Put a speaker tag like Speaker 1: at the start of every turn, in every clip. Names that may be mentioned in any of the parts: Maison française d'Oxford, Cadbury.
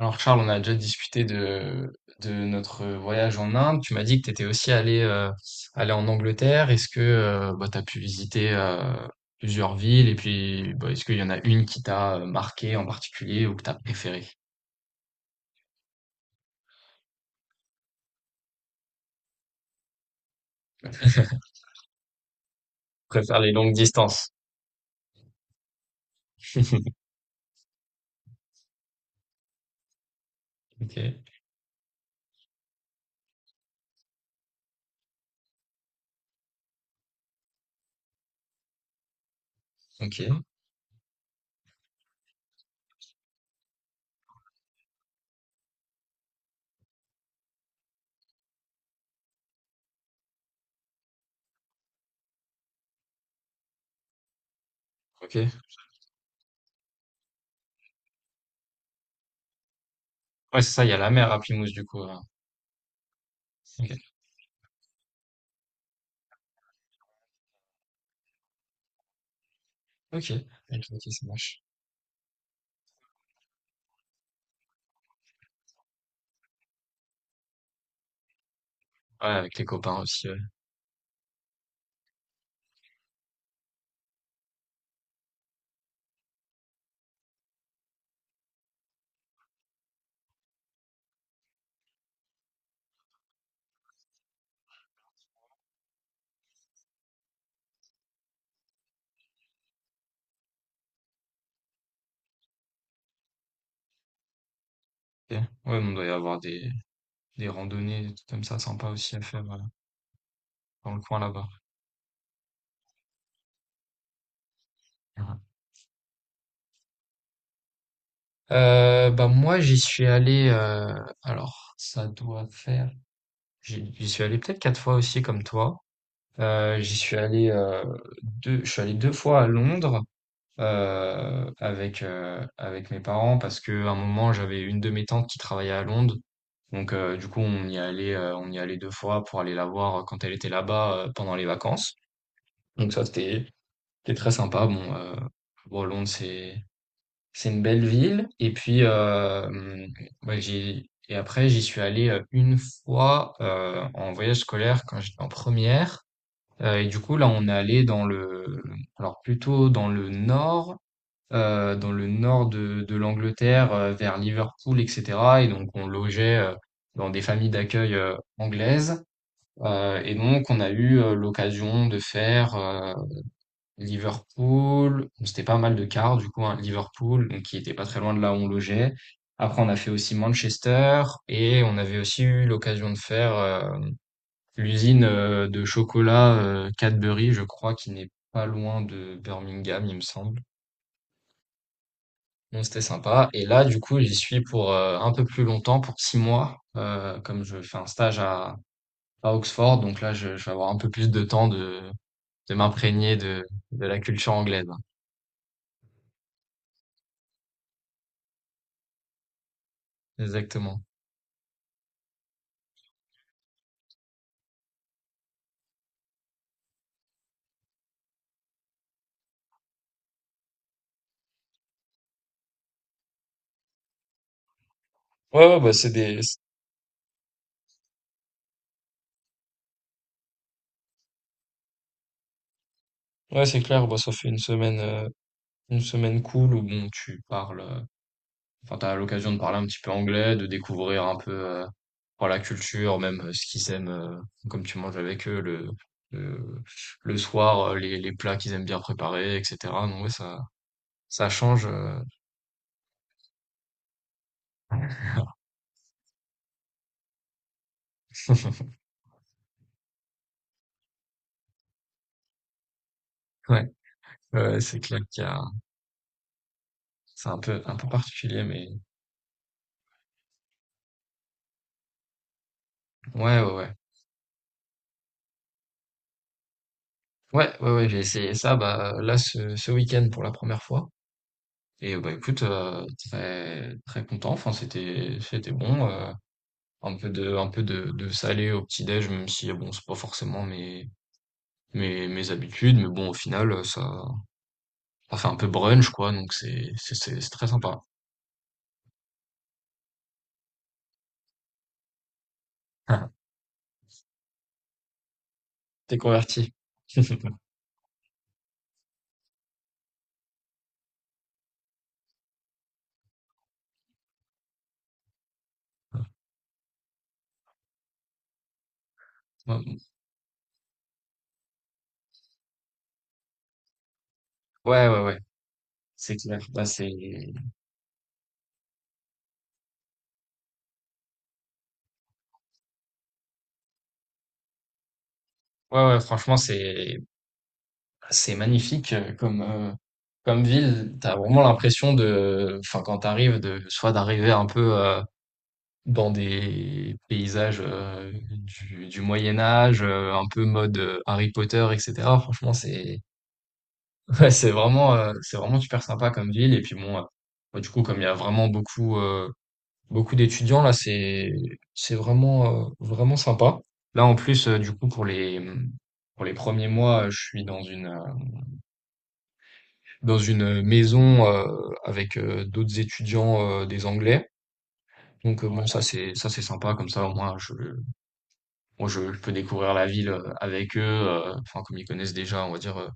Speaker 1: Alors Charles, on a déjà discuté de notre voyage en Inde. Tu m'as dit que tu étais aussi allé en Angleterre. Est-ce que bah, tu as pu visiter plusieurs villes et puis bah, est-ce qu'il y en a une qui t'a marqué en particulier ou que tu as préféré? Je préfère les longues distances. Ok, ok, ok. Ouais, c'est ça, il y a la mer à Plymouth du coup, hein. Ok, ok, ok, ok, ça marche. Ouais, avec les copains aussi. Ouais, Ok. Ouais, mais on doit y avoir des randonnées, des trucs comme ça, sympa aussi à faire dans le coin là-bas. Bah moi j'y suis allé alors ça doit faire j'y suis allé peut-être quatre fois aussi comme toi j'y suis allé deux je suis allé deux fois à Londres avec mes parents parce que à un moment j'avais une de mes tantes qui travaillait à Londres donc du coup on y allait deux fois pour aller la voir quand elle était là-bas pendant les vacances. Donc ça, c'était très sympa. Bon Londres, c'est une belle ville. Et puis, ouais, et après, j'y suis allé une fois en voyage scolaire quand j'étais en première. Et du coup, là, on est allé alors plutôt dans le nord de l'Angleterre, vers Liverpool, etc. Et donc, on logeait dans des familles d'accueil anglaises. Et donc, on a eu l'occasion de faire Liverpool. Bon, c'était pas mal de quarts du coup, hein, Liverpool, donc qui était pas très loin de là où on logeait. Après, on a fait aussi Manchester et on avait aussi eu l'occasion de faire l'usine de chocolat Cadbury, je crois, qui n'est pas loin de Birmingham, il me semble. Donc c'était sympa. Et là, du coup, j'y suis pour un peu plus longtemps, pour 6 mois, comme je fais un stage à Oxford. Donc là, je vais avoir un peu plus de temps de m'imprégner de la culture anglaise, hein. Exactement. Ouais, ouais, bah, c'est des, ouais, c'est clair, bah, ça fait une semaine cool où bon, tu parles, enfin, t'as l'occasion de parler un petit peu anglais, de découvrir un peu, voilà, la culture, même ce qu'ils aiment, comme tu manges avec eux le, le soir, les plats qu'ils aiment bien préparer, etc. Donc, ouais, ça change, Ouais, ouais, c'est clair qu'c'est un peu particulier, mais ouais, ouais, ouais, ouais, ouais, ouais, j'ai essayé ça, bah, là, ce week-end pour la première fois. Et bah écoute, très très content, enfin c'était bon, un peu de salé au petit-déj, même si bon c'est pas forcément mes mes habitudes, mais bon au final, ça fait un peu brunch quoi, donc c'est très sympa. T'es converti. Ouais, ouais, ouais, c'est clair. Bah c'est ouais, ouais, franchement, c'est magnifique, comme ville. T'as vraiment l'impression de, enfin quand t'arrives, de soit d'arriver un peu, dans des paysages du Moyen Âge, un peu mode Harry Potter, etc. Franchement, c'est ouais, c'est vraiment super sympa comme ville. Et puis bon, bah, du coup, comme il y a vraiment beaucoup d'étudiants là, c'est vraiment vraiment sympa. Là, en plus, du coup, pour les premiers mois, je suis dans une maison avec d'autres étudiants des Anglais. Donc bon, Ouais. Ça c'est sympa comme ça, au moins je moi, je peux découvrir la ville avec eux, enfin, comme ils connaissent déjà, on va dire,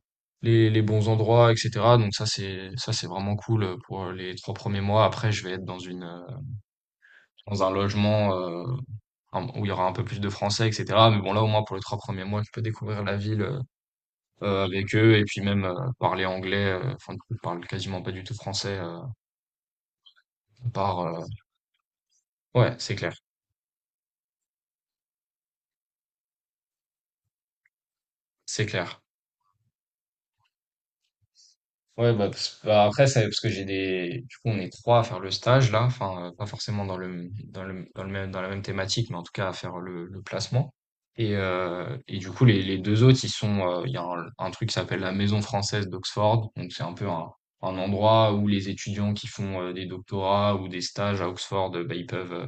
Speaker 1: les bons endroits, etc. Donc ça c'est vraiment cool pour les trois premiers mois. Après, je vais être dans un logement, où il y aura un peu plus de français, etc. Mais bon, là, au moins, pour les trois premiers mois, je peux découvrir la ville, avec eux et puis même, parler anglais. Enfin, du coup, je parle quasiment pas du tout français, à part, ouais, c'est clair. C'est clair. Ouais, bah, bah, après, c'est parce que j'ai des. Du coup, on est trois à faire le stage là, enfin, pas forcément dans le, dans la même thématique, mais en tout cas à faire le placement. Et du coup, les deux autres, ils sont. Il y a un truc qui s'appelle la Maison française d'Oxford. Donc, c'est un peu un endroit où les étudiants qui font des doctorats ou des stages à Oxford, bah, ils peuvent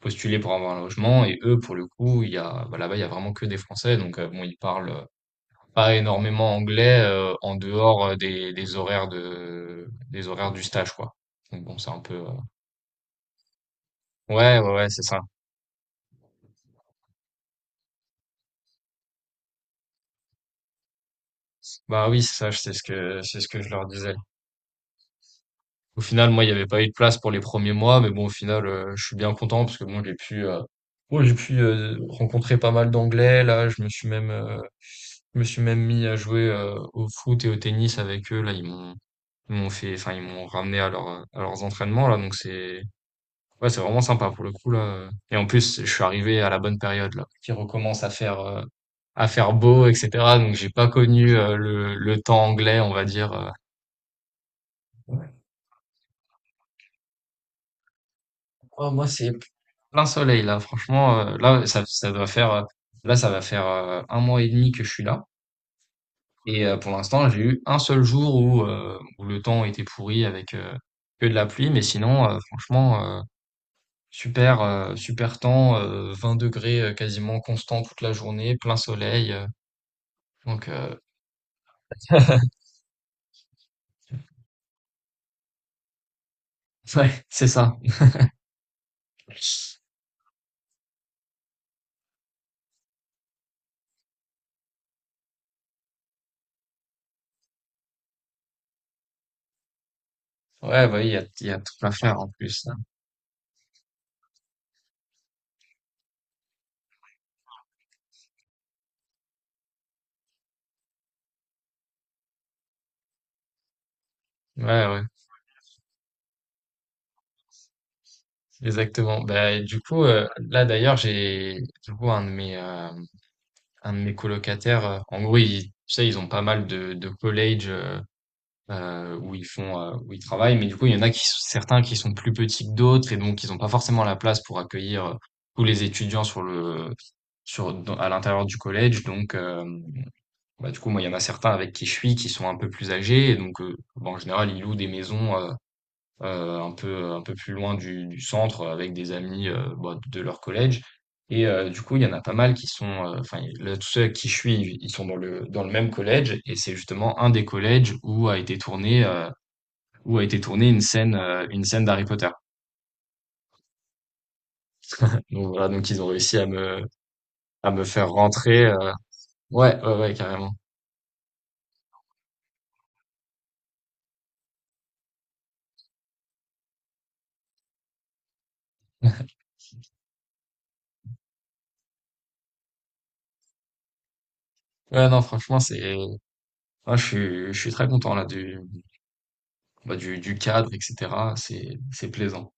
Speaker 1: postuler pour avoir un logement. Et eux, pour le coup, il y a, bah, là-bas, il y a vraiment que des Français. Donc, bon, ils parlent pas énormément anglais en dehors des horaires du stage quoi. Donc bon, c'est un peu ouais ouais ouais, c'est ça. Bah oui, c'est ça, c'est ce que je leur disais. Au final, moi, il n'y avait pas eu de place pour les premiers mois, mais bon, au final, je suis bien content parce que bon, j'ai pu rencontrer pas mal d'anglais là, je me suis même je me suis même mis à jouer au foot et au tennis avec eux là, ils m'ont fait enfin ils m'ont ramené à leurs entraînements là, donc c'est Ouais, c'est vraiment sympa pour le coup là. Et en plus, je suis arrivé à la bonne période là, qui recommence à faire beau, etc. Donc j'ai pas connu le temps anglais, on va dire. Oh, moi c'est plein soleil là. Franchement, là ça va faire un mois et demi que je suis là. Et pour l'instant, j'ai eu un seul jour où le temps était pourri avec que de la pluie, mais sinon franchement super temps, 20 degrés quasiment constant toute la journée, plein soleil. Donc, ouais, c'est ça. Ouais, bah, oui, il y a tout à faire en plus, hein. Ouais, ouais, exactement. Bah, et du coup, là d'ailleurs, j'ai du coup un de mes colocataires. En gros, ils, tu sais, ils ont pas mal de collèges où ils travaillent, mais du coup, il y en a certains qui sont plus petits que d'autres, et donc ils n'ont pas forcément la place pour accueillir tous les étudiants sur le, à l'intérieur du collège. Donc, bah, du coup, moi, il y en a certains avec qui je suis qui sont un peu plus âgés. Et donc, bah, en général, ils louent des maisons un peu plus loin du centre avec des amis bah, de leur collège. Et du coup, il y en a pas mal qui sont, enfin, là, tous ceux avec qui je suis, ils sont dans le même collège. Et c'est justement un des collèges où a été où a été tournée une scène d'Harry Potter. Donc voilà, donc ils ont réussi à me faire rentrer. Ouais, ouais, ouais, carrément. Ouais, non, franchement, moi, je suis très content là bah, du cadre, etc. C'est plaisant.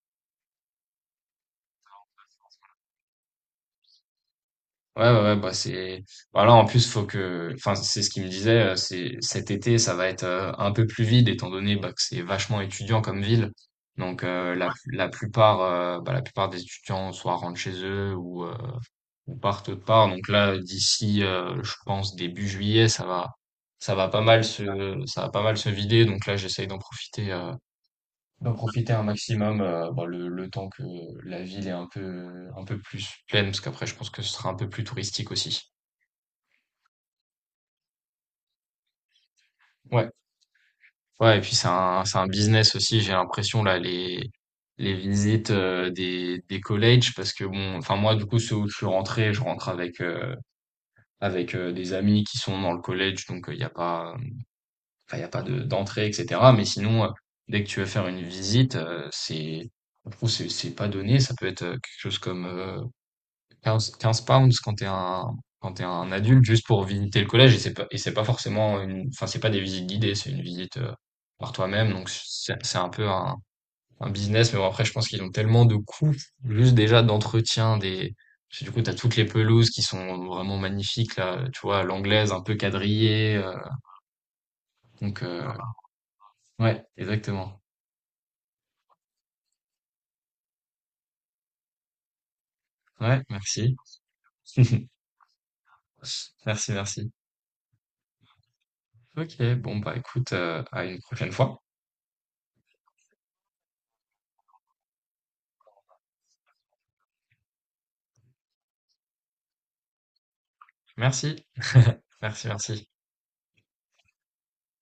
Speaker 1: Ouais, ouais, ouais, bah c'est. Voilà, en plus, faut que. Enfin, c'est ce qu'il me disait, c'est cet été, ça va être un peu plus vide, étant donné bah, que c'est vachement étudiant comme ville. Donc la, la plupart bah, la plupart des étudiants soit rentrent chez eux ou partent autre part. Donc là, d'ici, je pense, début juillet, ça va pas mal se ça va pas mal se vider. Donc là, j'essaye d'en profiter un maximum bah, le temps que la ville est un peu plus pleine parce qu'après je pense que ce sera un peu plus touristique aussi. Ouais. Ouais, et puis c'est un business aussi, j'ai l'impression là les visites des collèges parce que bon enfin moi du coup ceux où je suis rentré, je rentre avec des amis qui sont dans le collège donc il n'y a pas enfin il y a pas de d'entrée etc. mais sinon dès que tu veux faire une visite, c'est je trouve c'est pas donné, ça peut être quelque chose comme 15 15 pounds quand t'es un adulte juste pour visiter le collège et c'est pas forcément enfin, c'est pas des visites guidées, c'est une visite par toi-même. Donc, c'est un peu un business. Mais bon, après, je pense qu'ils ont tellement de coûts, juste déjà d'entretien des, parce que du coup, t'as toutes les pelouses qui sont vraiment magnifiques, là, tu vois, l'anglaise un peu quadrillée. Donc, voilà. Ouais, exactement. Ouais, merci. Merci, merci. Ok, bon, bah, écoute, à une prochaine fois. Merci, merci, merci.